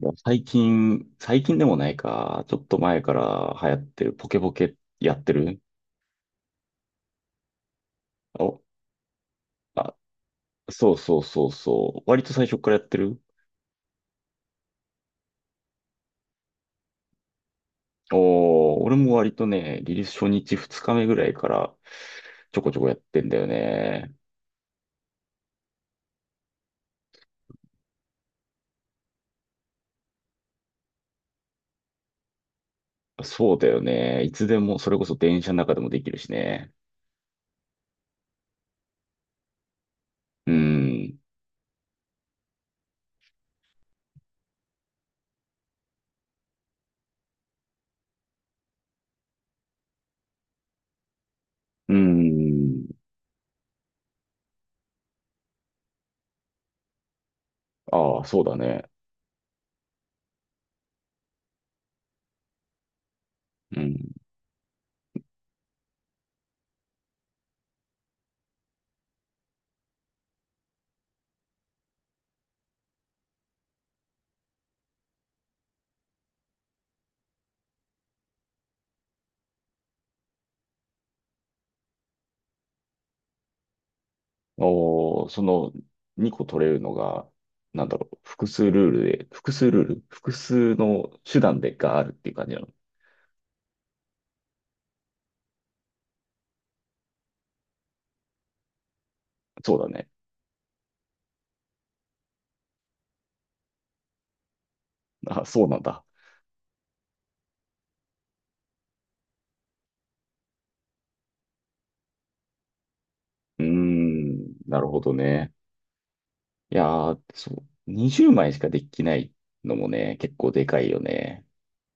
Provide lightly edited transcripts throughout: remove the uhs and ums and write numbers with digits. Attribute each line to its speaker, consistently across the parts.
Speaker 1: もう最近、最近でもないか、ちょっと前から流行ってるポケポケやってる。お、あ、そうそうそうそう。割と最初からやってる。おー、俺も割とね、リリース初日2日目ぐらいからちょこちょこやってんだよね。そうだよね。いつでも、それこそ電車の中でもできるしね。うん。うん。ああ、そうだね。うん。おー、その2個取れるのが、なんだろう、複数ルール複数の手段でがあるっていう感じなの。そうだね。あ、そうなんだ。うーん、なるほどね。いやー、そう、20枚しかできないのもね、結構でかいよね。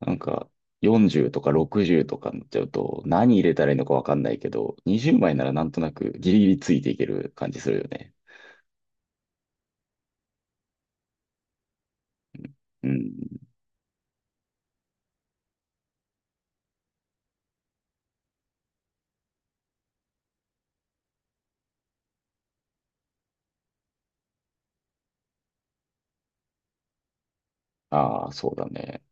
Speaker 1: なんか、40とか60とかになっちゃうと、何入れたらいいのかわかんないけど、20枚ならなんとなくギリギリついていける感じするよね。うん。ああ、そうだね。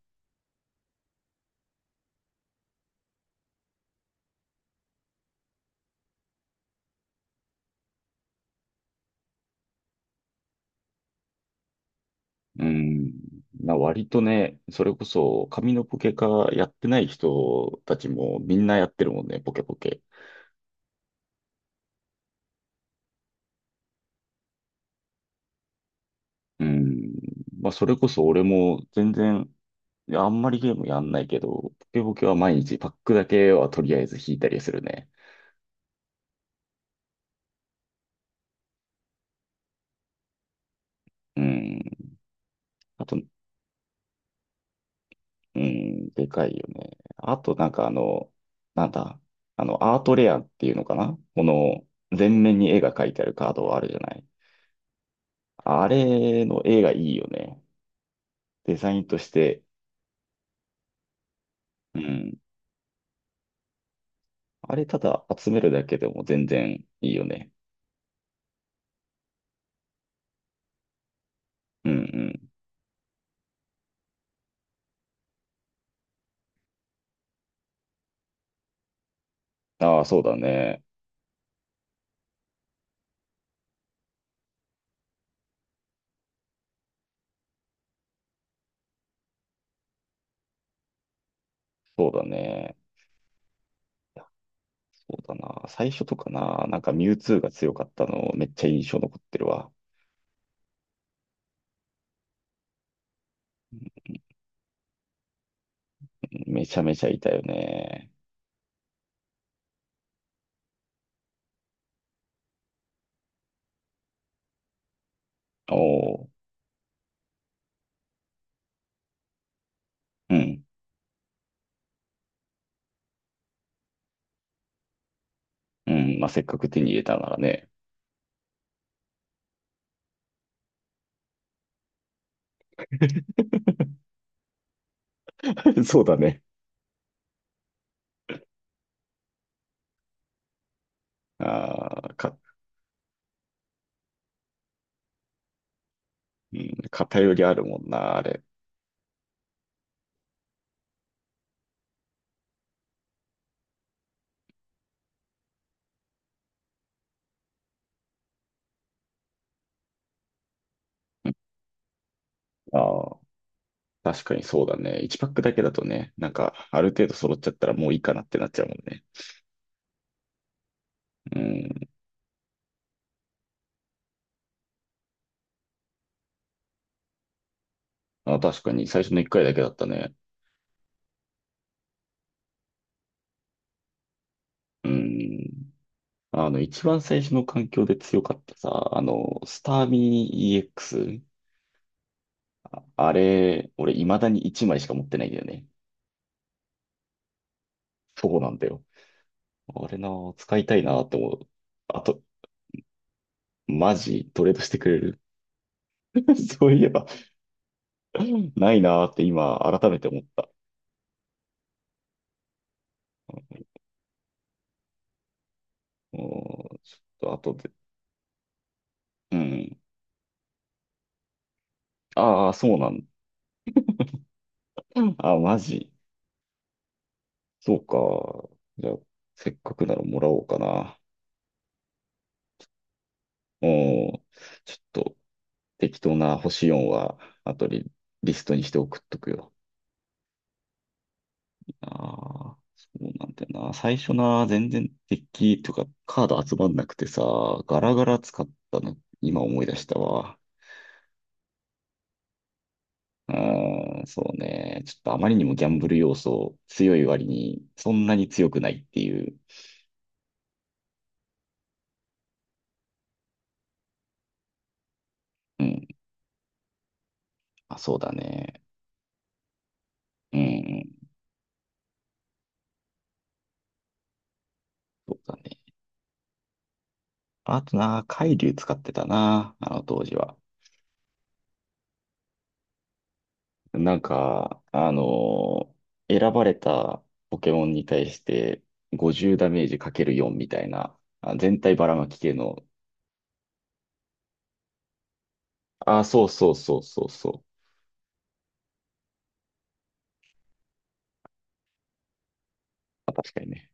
Speaker 1: うん。割とね、それこそ紙のポケカやってない人たちもみんなやってるもんね、ポケポケ。うん。まあ、それこそ俺も全然、いやあんまりゲームやんないけど、ポケポケは毎日パックだけはとりあえず引いたりするね。うん。あと、うん、でかいよね。あと、なんかあの、なんだ、あの、アートレアっていうのかなこの、全面に絵が描いてあるカードはあるじゃない。あれの絵がいいよね。デザインとして。うん。あれ、ただ集めるだけでも全然いいよね。うんうん。ああ、そうだね。そうだね。いや、そうだな。最初とかな、なんかミュウツーが強かったの、めっちゃ印象残ってるわ。うん。めちゃめちゃいたよね。おお。うん。うん。まあ、せっかく手に入れたならね。そうだね。ああ、うん、偏りあるもんな、あれ。ああ、確かにそうだね。1パックだけだとね、なんか、ある程度揃っちゃったらもういいかなってなっちゃうもんね。うん。あ、確かに、最初の一回だけだったね。うん。あの、一番最初の環境で強かったさ、あの、スターミー EX。あれ、俺、未だに1枚しか持ってないんだよね。そうなんだよ。あれな、使いたいなって思う。あと、マジ、トレードしてくれる？ そういえば ないなって今、改めて思った。もう、ちょっと後で。うん。ああ、そうなんだ。あ、マジ。そうか。じゃあ、せっかくならもらおうかな。おー、ちょっと適当な星4は後でリストにして送っとくよ。ああ、そうなんだよな。最初な、全然デッキとかカード集まんなくてさ、ガラガラ使ったの、今思い出したわ。うーん、そうね。ちょっとあまりにもギャンブル要素強い割に、そんなに強くないっていう。うん。まあ、そうだね。うん、そうだね。あとな、海竜使ってたな、あの当時は。なんか、選ばれたポケモンに対して50ダメージかける4みたいな、あ、全体ばらまき系の、あ、そうそうそうそうそう。あ、確かにね。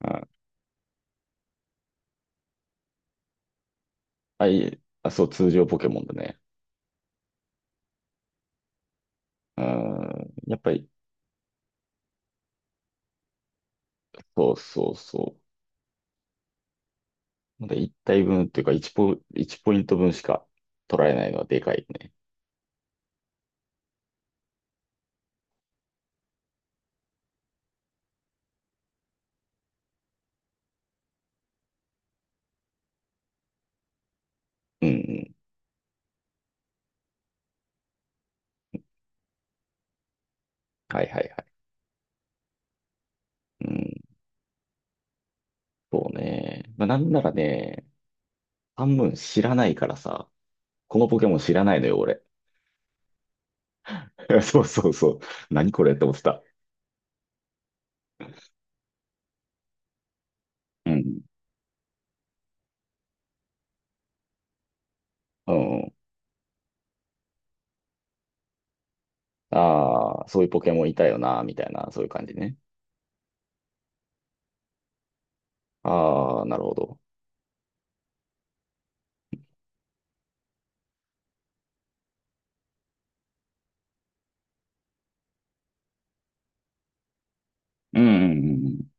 Speaker 1: あ、あ、いえ、あ、そう、通常ポケモンだね。うん、やっぱり、そうそうそう。で、1体分っていうか1ポイント分しか取られないのはでかいね。うんうん。はいはいはい。うん、そうね。まあ、なんならね、半分知らないからさ、このポケモン知らないのよ、俺。そうそうそう。何これって思ってた。うん。うん。ああ、そういうポケモンいたよな、みたいな、そういう感じね。ああ、なるほど。うんうんうんうん。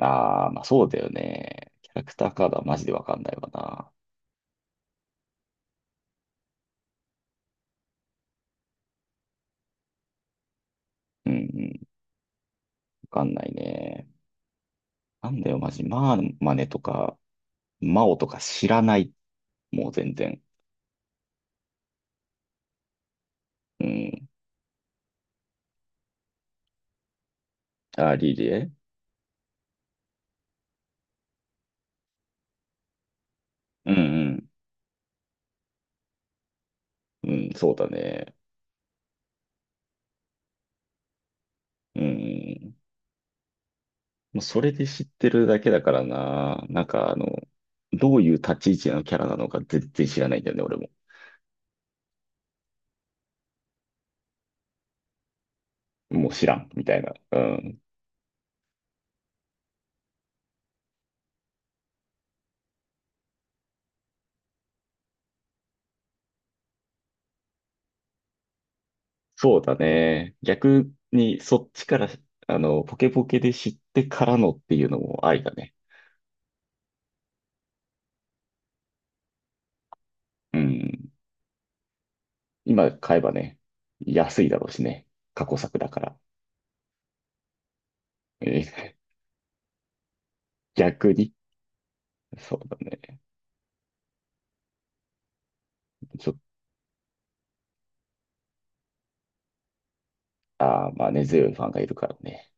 Speaker 1: ああ、まあそうだよね。キャラクターカードはマジでわかんないわな。うんうん、わかんないね。なんだよ、マジ。まあ、マネとか、マオとか知らない。もう全然。うん。あー、リリエ。うんうん。うん、そうだね。うん。もうそれで知ってるだけだからな。なんかあの、どういう立ち位置のキャラなのか全然知らないんだよね、俺も。もう知らん、みたいな。うん。そうだね。逆にそっちから、あの、ポケポケで知ってからのっていうのもありだね。うん。今買えばね、安いだろうしね。過去作だから。えー、 逆に。そうだね。ちょっと、ああ、まあ根強いファンがいるからね。